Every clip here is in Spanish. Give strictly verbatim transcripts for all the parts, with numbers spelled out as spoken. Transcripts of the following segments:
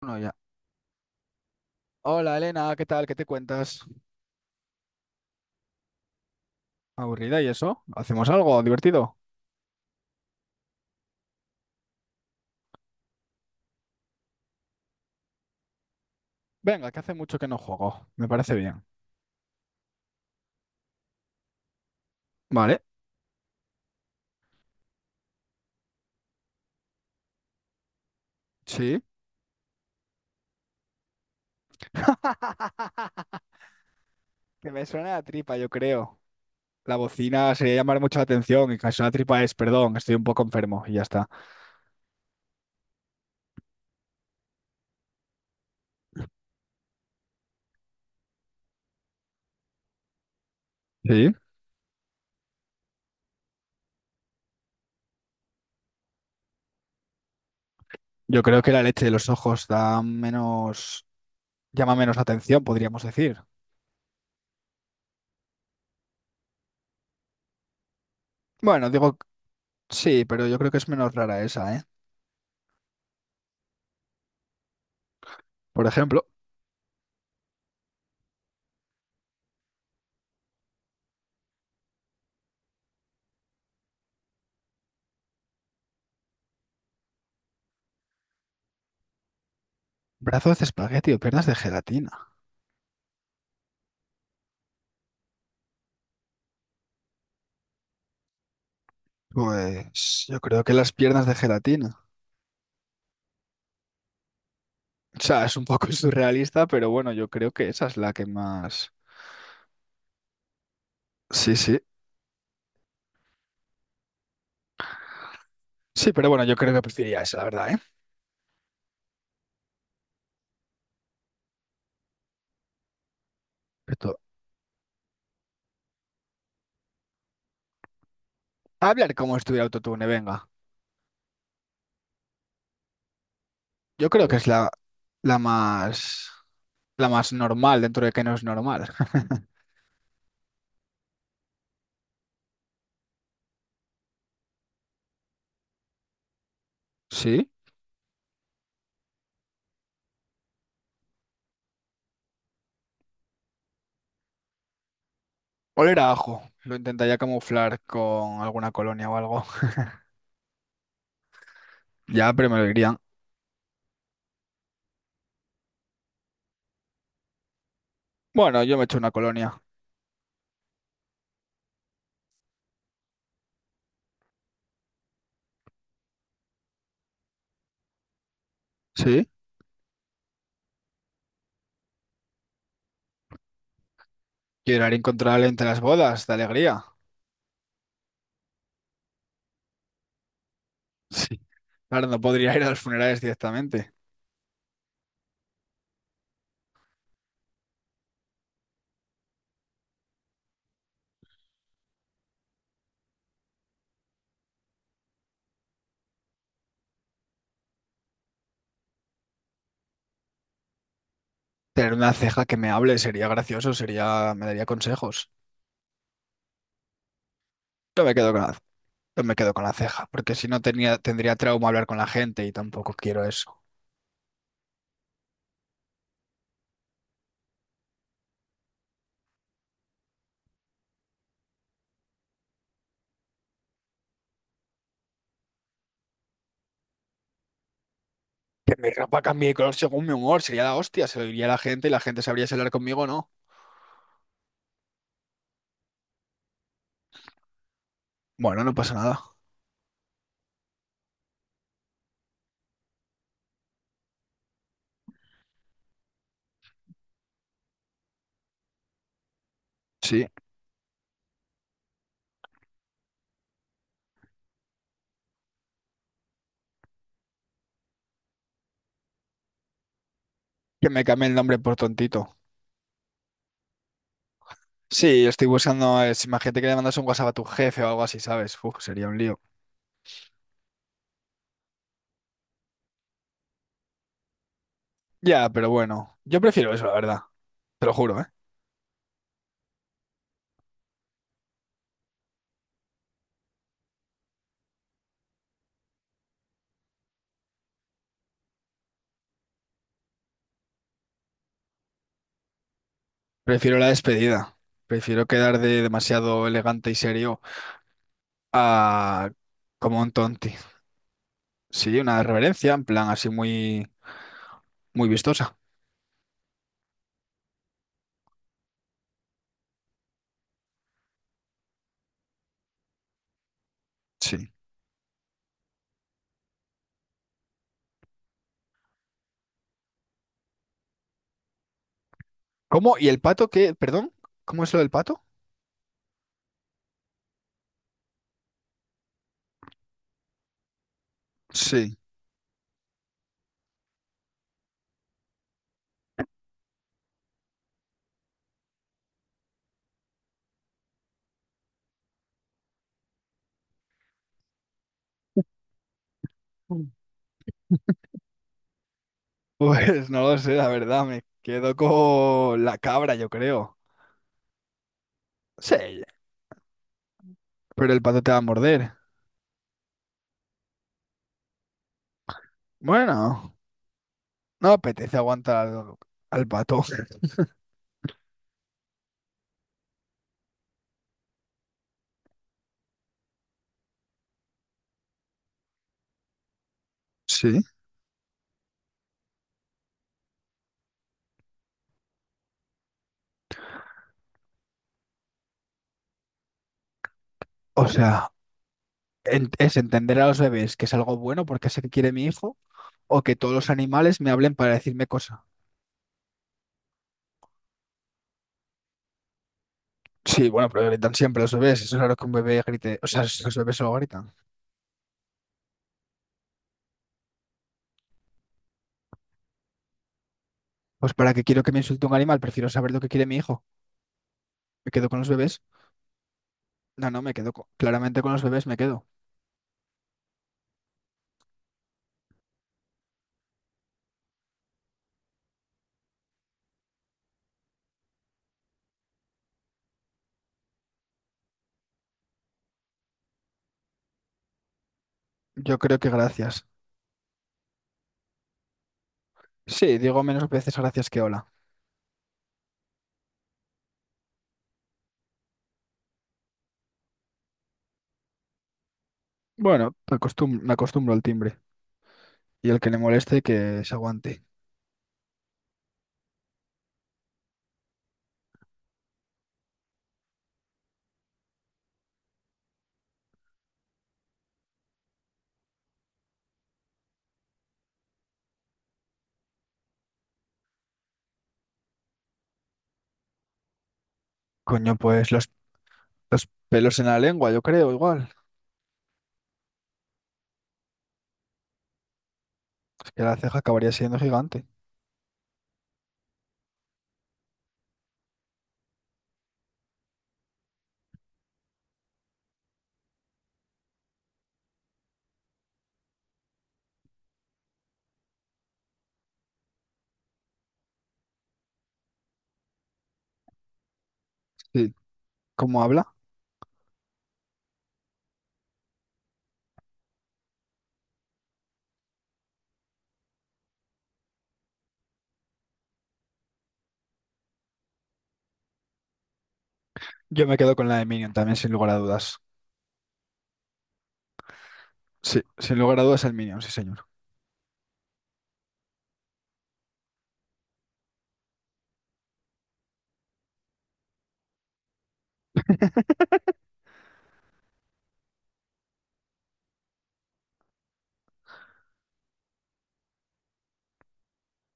Bueno, ya. Hola Elena, ¿qué tal? ¿Qué te cuentas? ¿Aburrida y eso? ¿Hacemos algo divertido? Venga, que hace mucho que no juego. Me parece bien. Vale, sí. Que me suena la tripa, yo creo. La bocina sería llamar mucho la atención y casi una tripa es, perdón, estoy un poco enfermo y ya está. Sí. Yo creo que la leche de los ojos da menos, llama menos la atención, podríamos decir. Bueno, digo, sí, pero yo creo que es menos rara esa, ¿eh? Por ejemplo, brazos de espagueti o piernas de gelatina. Pues yo creo que las piernas de gelatina. O sea, es un poco surrealista, pero bueno, yo creo que esa es la que más... Sí, sí. Sí, pero bueno, yo creo que preferiría esa, la verdad, ¿eh? Esto- Hablar como si estuviera autotune, venga. Yo creo que es la, la más... La más normal dentro de que no es normal. ¿Sí? Oler a ajo. Lo intentaría camuflar con alguna colonia o algo. Ya, pero me lo dirían. Bueno, yo me echo una colonia. ¿Sí? Llorar incontrolable entre las bodas, de alegría. Sí. Claro, no podría ir a los funerales directamente. Tener una ceja que me hable sería gracioso, sería, me daría consejos. Yo me quedo con la, yo me quedo con la ceja, porque si no tenía, tendría trauma hablar con la gente y tampoco quiero eso. Que mi ropa cambie de color según mi humor, sería la hostia, se lo diría a la gente y la gente sabría si hablar conmigo o no. Bueno, no pasa nada. Sí, que me cambie el nombre por tontito. Sí, yo estoy buscando, es, imagínate que le mandas un WhatsApp a tu jefe o algo así, ¿sabes? Uf, sería un lío. Ya, pero bueno, yo prefiero eso, la verdad, te lo juro, ¿eh? Prefiero la despedida. Prefiero quedar de demasiado elegante y serio. Ah, como un tonti. Sí, una reverencia, en plan así muy, muy vistosa. Sí. ¿Cómo? ¿Y el pato qué? ¿Perdón? ¿Cómo es lo del pato? Sí. Mm. Pues no lo sé, la verdad, me quedo con la cabra, yo creo. Sí, pero el pato te va a morder. Bueno, no apetece aguantar al, al pato. Sí. O sea, en- es entender a los bebés que es algo bueno porque sé que quiere mi hijo o que todos los animales me hablen para decirme cosas. Sí, bueno, pero gritan siempre los bebés. Eso es raro que un bebé grite. O sea, si los bebés solo gritan. Pues para qué quiero que me insulte un animal, prefiero saber lo que quiere mi hijo. ¿Me quedo con los bebés? No, no, me quedo co- claramente con los bebés, me quedo. Yo creo que gracias. Sí, digo menos veces gracias que hola. Bueno, me acostum- me acostumbro al timbre. Y el que le moleste, que se aguante. Coño, pues los, los pelos en la lengua, yo creo, igual. Es que la ceja acabaría siendo gigante. Sí. ¿Cómo habla? Yo me quedo con la de Minion también, sin lugar a dudas. Sí, sin lugar a dudas el Minion, sí, señor.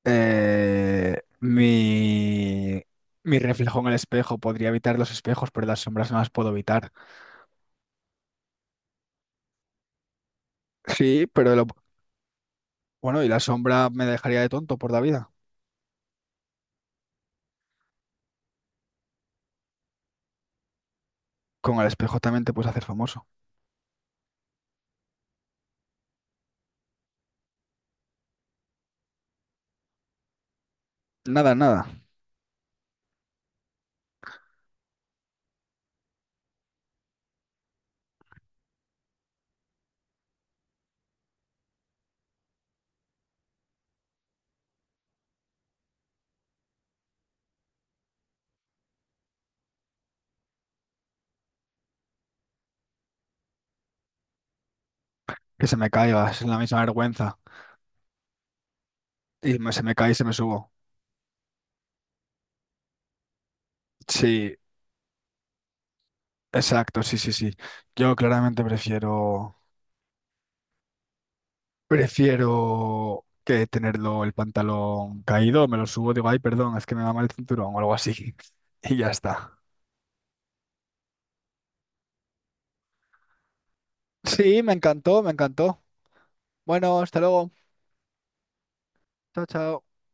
Eh, mi, mi reflejo en el espejo. Podría evitar los espejos, pero las sombras no las puedo evitar. Sí, pero lo- bueno, y la sombra me dejaría de tonto por la vida. Con el espejo también te puedes hacer famoso. Nada, nada. Que se me caiga, es la misma vergüenza. Y me- se me cae y se me subo. Sí, exacto, sí, sí, sí. Yo claramente prefiero, prefiero que tenerlo el pantalón caído, me lo subo, digo, ay, perdón, es que me va mal el cinturón o algo así. Y ya está. Sí, me encantó, me encantó. Bueno, hasta luego. Chao, chao.